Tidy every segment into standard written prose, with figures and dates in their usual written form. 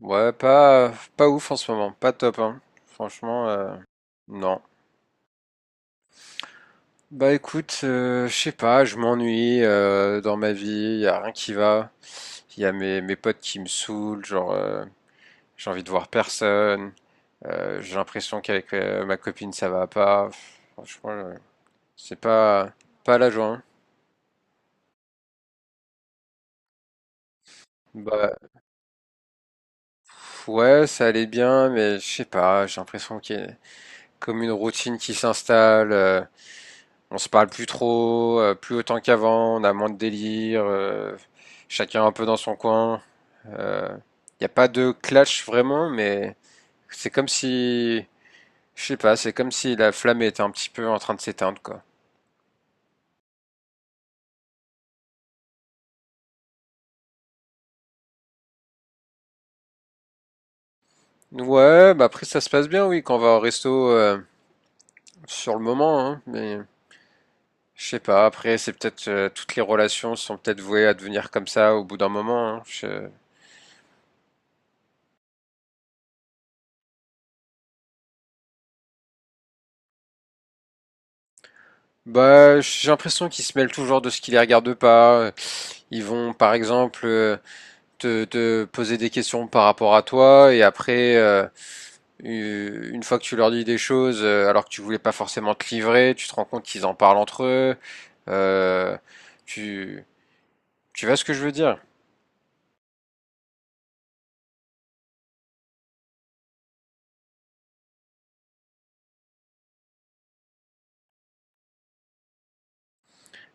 Ouais, pas ouf en ce moment, pas top, hein. Franchement, non. Bah écoute, je sais pas, je m'ennuie dans ma vie, y a rien qui va. Il y a mes potes qui me saoulent, genre j'ai envie de voir personne, j'ai l'impression qu'avec ma copine ça va pas. Pff, franchement, c'est pas la joie, hein. Bah pff, ouais, ça allait bien, mais je sais pas, j'ai l'impression qu'il y a comme une routine qui s'installe, on se parle plus trop, plus autant qu'avant, on a moins de délire, chacun un peu dans son coin. Il n'y a pas de clash vraiment, mais c'est comme si, je sais pas, c'est comme si la flamme était un petit peu en train de s'éteindre, quoi. Ouais, bah après ça se passe bien, oui, quand on va au resto sur le moment, hein, mais je sais pas, après c'est peut-être toutes les relations sont peut-être vouées à devenir comme ça au bout d'un moment, hein. Bah j'ai l'impression qu'ils se mêlent toujours de ce qui les regarde pas. Ils vont par exemple te poser des questions par rapport à toi et après une fois que tu leur dis des choses alors que tu voulais pas forcément te livrer, tu te rends compte qu'ils en parlent entre eux. Euh, tu tu vois ce que je veux dire?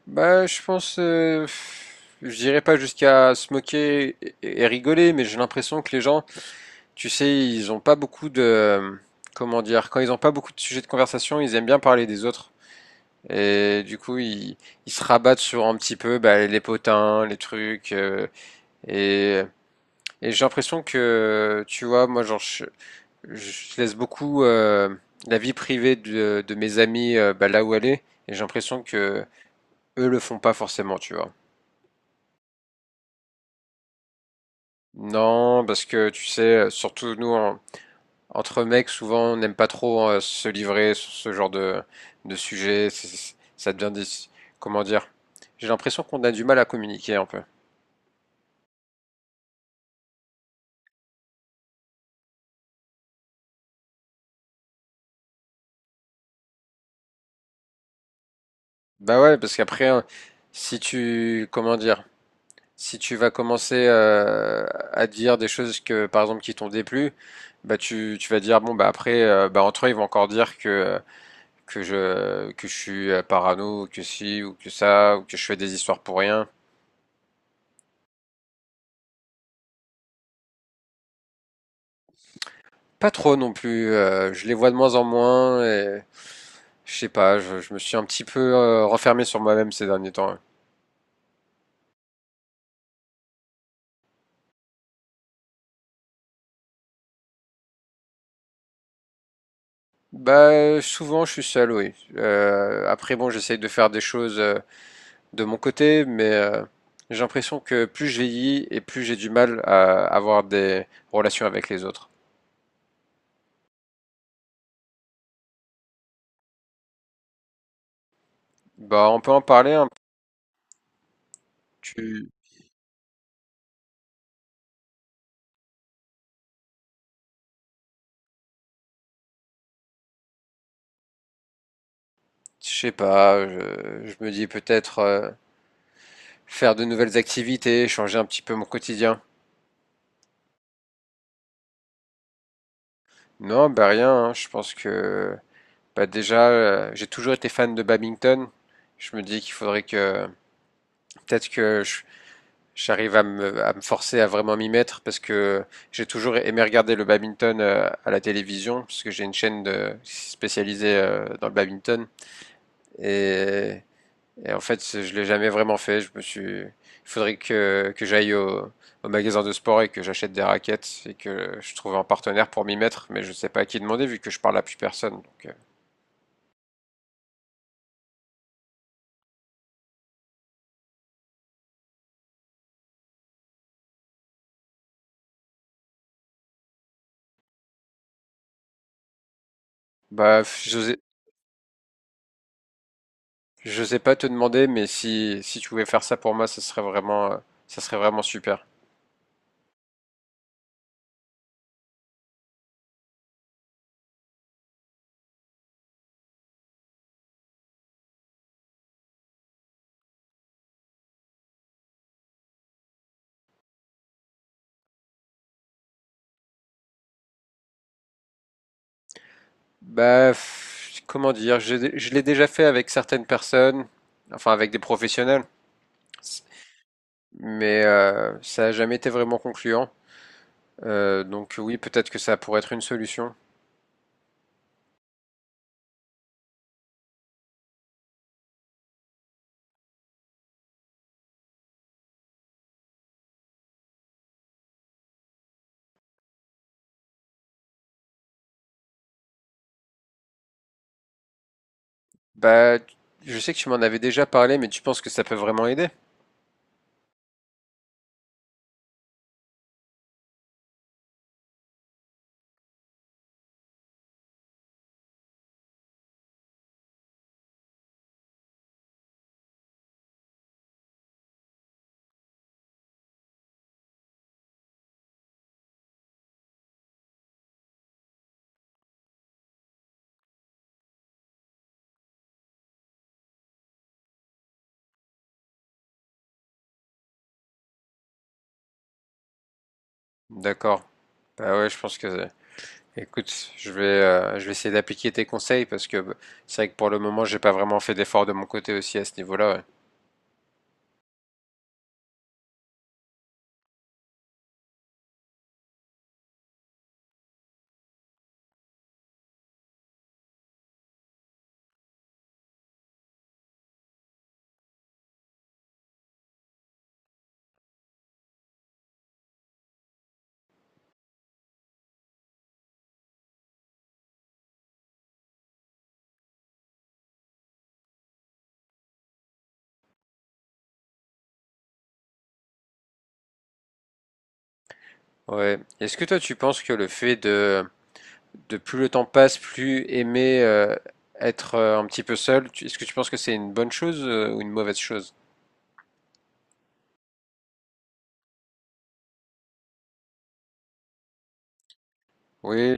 Bah je pense je dirais pas jusqu'à se moquer et rigoler, mais j'ai l'impression que les gens, tu sais, ils ont pas beaucoup de, comment dire, quand ils ont pas beaucoup de sujets de conversation, ils aiment bien parler des autres. Et du coup, ils, se rabattent sur un petit peu, bah, les potins, les trucs, et et j'ai l'impression que, tu vois, moi, genre, je laisse beaucoup la vie privée de mes amis bah, là où elle est. Et j'ai l'impression que eux le font pas forcément, tu vois. Non, parce que, tu sais, surtout nous, entre mecs, souvent, on n'aime pas trop se livrer sur ce genre de sujet. Ça devient des... Comment dire? J'ai l'impression qu'on a du mal à communiquer un peu. Bah ouais, parce qu'après, hein, si tu, comment dire, si tu vas commencer à dire des choses que, par exemple, qui t'ont déplu, bah tu vas dire bon bah après, bah entre eux ils vont encore dire que que je suis parano, ou que si ou que ça, ou que je fais des histoires pour rien. Pas trop non plus, je les vois de moins en moins et je sais pas. Je me suis un petit peu renfermé sur moi-même ces derniers temps, hein. Bah souvent je suis seul, oui. Après bon, j'essaye de faire des choses, de mon côté, mais j'ai l'impression que plus je vieillis et plus j'ai du mal à avoir des relations avec les autres. Bah, on peut en parler un peu. Tu, je sais pas, je me dis peut-être faire de nouvelles activités, changer un petit peu mon quotidien. Non, bah rien, hein, je pense que bah déjà, j'ai toujours été fan de badminton. Je me dis qu'il faudrait que peut-être que je j'arrive à me forcer à vraiment m'y mettre parce que j'ai toujours aimé regarder le badminton à la télévision parce que j'ai une chaîne, de, spécialisée dans le badminton et, et en fait je l'ai jamais vraiment fait. Il faudrait que j'aille au magasin de sport et que j'achète des raquettes et que je trouve un partenaire pour m'y mettre, mais je sais pas à qui demander vu que je parle à plus personne. Donc, bah je sais pas te demander, mais si tu pouvais faire ça pour moi, ça serait vraiment super. Bah, comment dire, je l'ai déjà fait avec certaines personnes, enfin avec des professionnels, mais ça n'a jamais été vraiment concluant. Donc oui, peut-être que ça pourrait être une solution. Bah, je sais que tu m'en avais déjà parlé, mais tu penses que ça peut vraiment aider? D'accord. Bah ouais, je pense que. Écoute, je vais essayer d'appliquer tes conseils parce que bah, c'est vrai que pour le moment, j'ai pas vraiment fait d'effort de mon côté aussi à ce niveau-là. Ouais. Ouais. Est-ce que toi, tu penses que le fait de plus le temps passe, plus aimer être un petit peu seul. Est-ce que tu penses que c'est une bonne chose ou une mauvaise chose? Oui,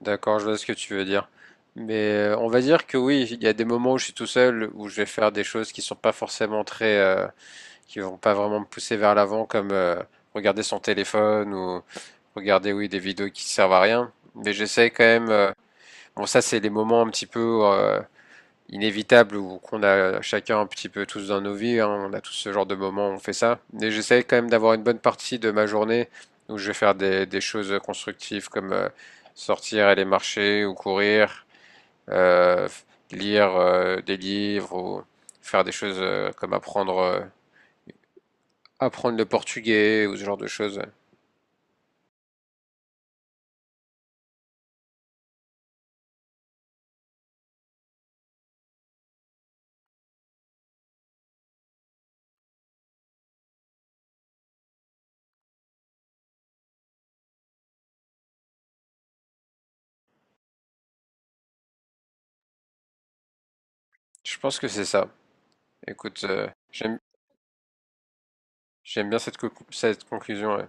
d'accord, je vois ce que tu veux dire. Mais on va dire que oui, il y a des moments où je suis tout seul, où je vais faire des choses qui sont pas forcément très, qui vont pas vraiment me pousser vers l'avant, comme regarder son téléphone ou regarder, oui, des vidéos qui servent à rien. Mais j'essaie quand même, bon, ça c'est les moments un petit peu, inévitable ou qu'on a chacun un petit peu tous dans nos vies, hein, on a tous ce genre de moments, où on fait ça. Mais j'essaie quand même d'avoir une bonne partie de ma journée où je vais faire des, choses constructives comme sortir, aller marcher ou courir, euh, lire des livres ou faire des choses comme apprendre le portugais ou ce genre de choses. Je pense que c'est ça. Écoute, j'aime bien cette conclusion, ouais.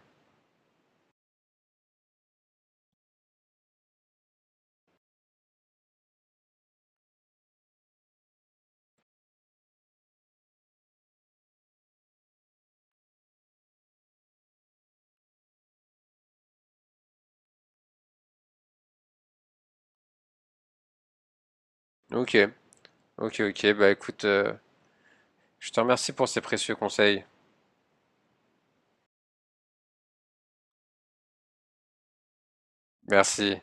Ok, ok, ok. Bah écoute, je te remercie pour ces précieux conseils. Merci.